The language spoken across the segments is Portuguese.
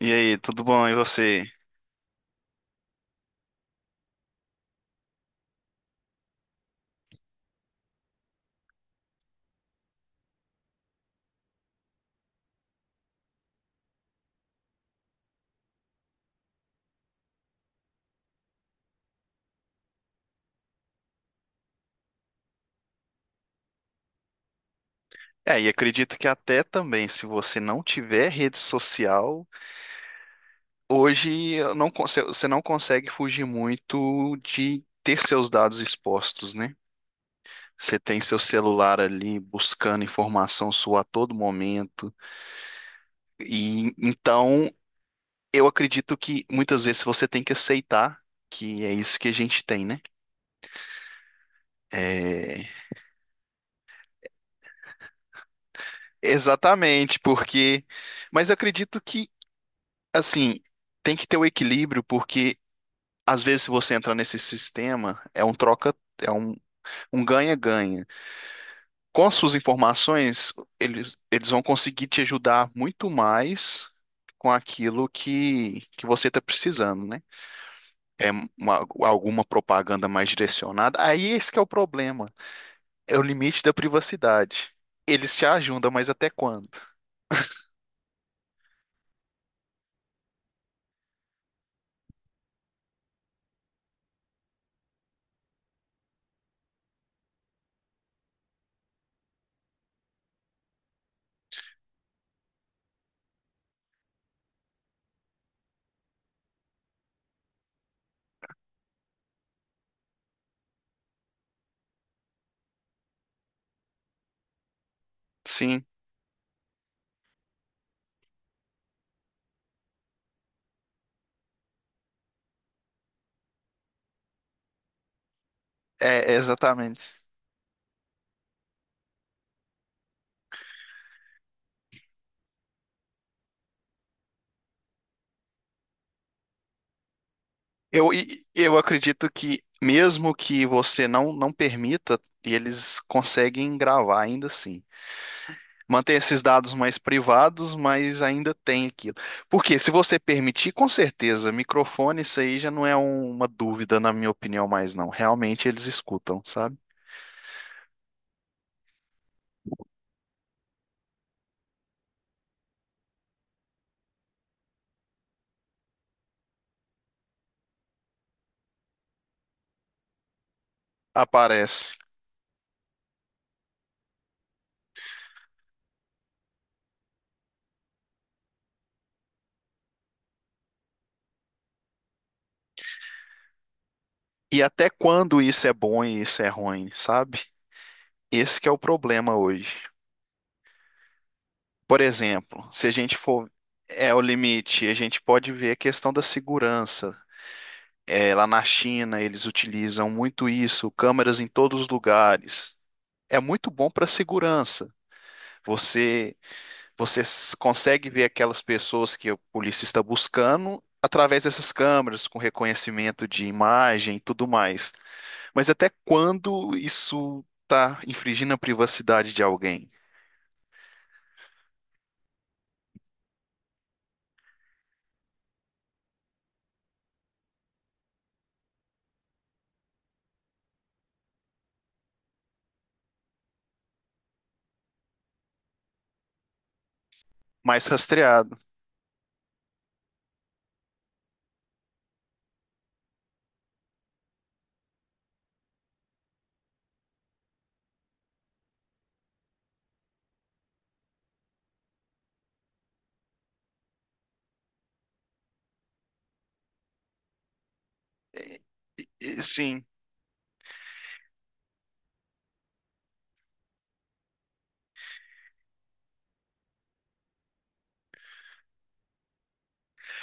E aí, tudo bom? E você? É, e acredito que até também, se você não tiver rede social, hoje eu não, con- você não consegue fugir muito de ter seus dados expostos, né? Você tem seu celular ali buscando informação sua a todo momento. E então, eu acredito que muitas vezes você tem que aceitar que é isso que a gente tem, né? É, exatamente, porque. Mas eu acredito que, assim, tem que ter o equilíbrio, porque. Às vezes, se você entrar nesse sistema, é um troca, é um ganha-ganha. Com as suas informações, eles vão conseguir te ajudar muito mais com aquilo que você está precisando, né? É alguma propaganda mais direcionada. Aí esse que é o problema. É o limite da privacidade. Eles te ajudam, mas até quando? Sim, é exatamente. Eu acredito que, mesmo que você não permita, eles conseguem gravar ainda assim. Manter esses dados mais privados, mas ainda tem aquilo. Porque se você permitir, com certeza, microfone, isso aí já não é uma dúvida, na minha opinião, mais não. Realmente eles escutam, sabe? Aparece. E até quando isso é bom e isso é ruim, sabe? Esse que é o problema hoje. Por exemplo, se a gente for. É o limite. A gente pode ver a questão da segurança. É, lá na China, eles utilizam muito isso, câmeras em todos os lugares. É muito bom para segurança. Você, você consegue ver aquelas pessoas que a polícia está buscando através dessas câmeras, com reconhecimento de imagem e tudo mais. Mas até quando isso está infringindo a privacidade de alguém? Mais rastreado. E- Sim.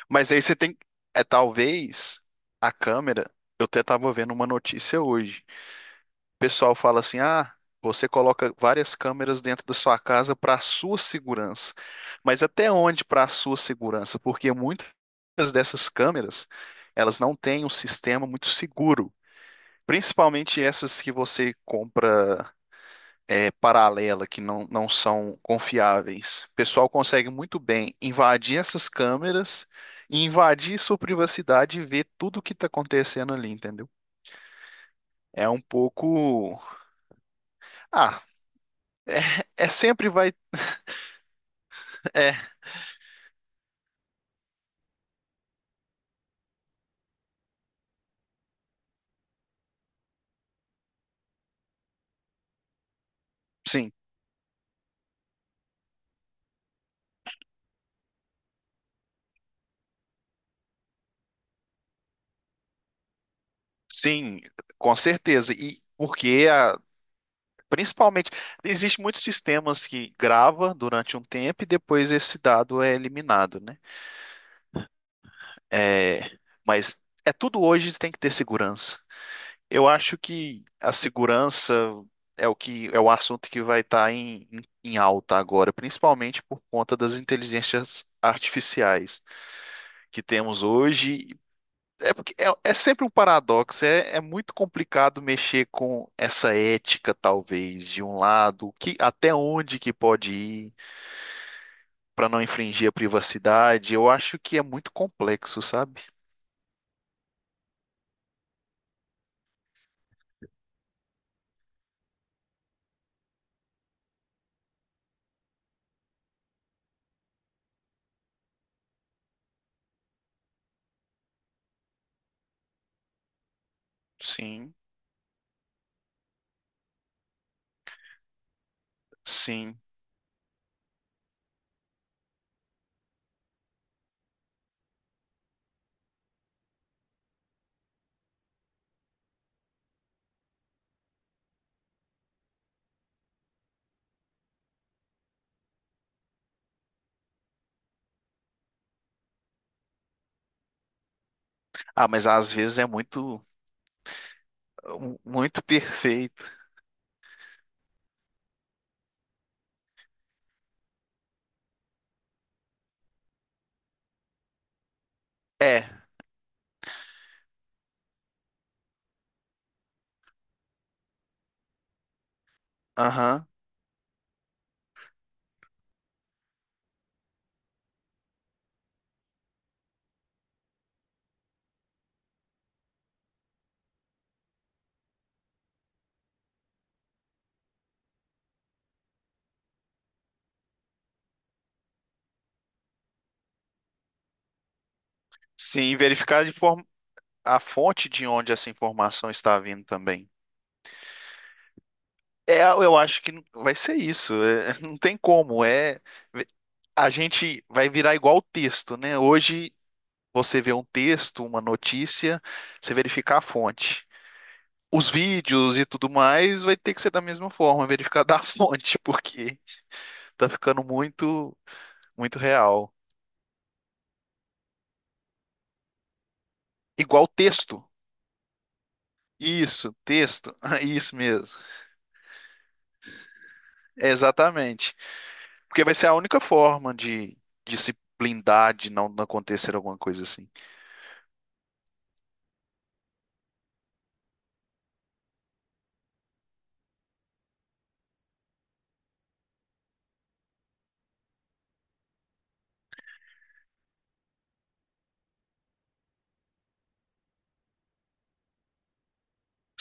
Mas aí você tem. É talvez a câmera. Eu até estava vendo uma notícia hoje. Pessoal fala assim: ah, você coloca várias câmeras dentro da sua casa para a sua segurança. Mas até onde para a sua segurança? Porque muitas dessas câmeras, elas não têm um sistema muito seguro. Principalmente essas que você compra paralela, que não são confiáveis. O pessoal consegue muito bem invadir essas câmeras e invadir sua privacidade e ver tudo o que está acontecendo ali, entendeu? É um pouco. Ah, é sempre vai. é Sim, sim, com certeza. E porque a, principalmente existe muitos sistemas que grava durante um tempo e depois esse dado é eliminado, né? É, mas é tudo hoje tem que ter segurança. Eu acho que a segurança é o que é o assunto que vai estar em alta agora, principalmente por conta das inteligências artificiais que temos hoje. É porque é sempre um paradoxo, é muito complicado mexer com essa ética, talvez, de um lado, que até onde que pode ir para não infringir a privacidade. Eu acho que é muito complexo, sabe? Sim, sim. Ah, mas às vezes é muito, um, muito perfeito. É, aham. Sim, verificar de forma a fonte de onde essa informação está vindo também. É, eu acho que vai ser isso. É, não tem como. É, a gente vai virar igual o texto, né? Hoje você vê um texto, uma notícia, você verificar a fonte. Os vídeos e tudo mais vai ter que ser da mesma forma, verificar da fonte, porque tá ficando muito, muito real. Igual texto. Isso, texto. Isso mesmo. É exatamente. Porque vai ser a única forma de se blindar de não acontecer alguma coisa assim.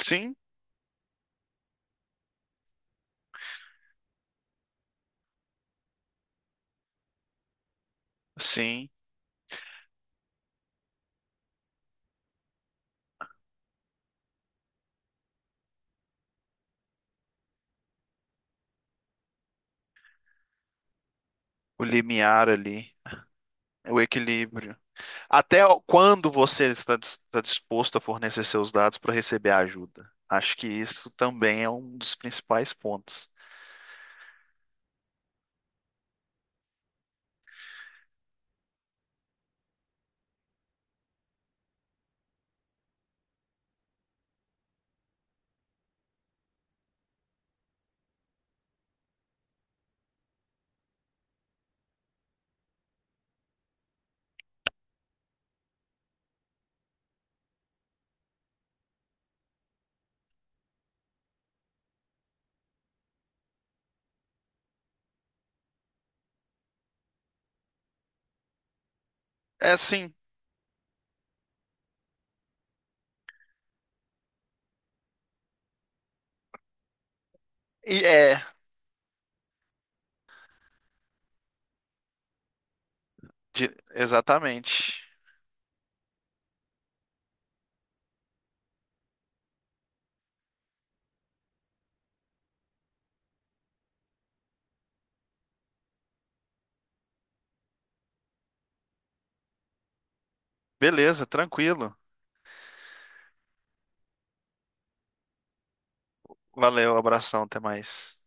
Sim, sim. O limiar ali, o equilíbrio. Até quando você está está disposto a fornecer seus dados para receber ajuda? Acho que isso também é um dos principais pontos. É sim, e é, exatamente. Beleza, tranquilo. Valeu, abração, até mais.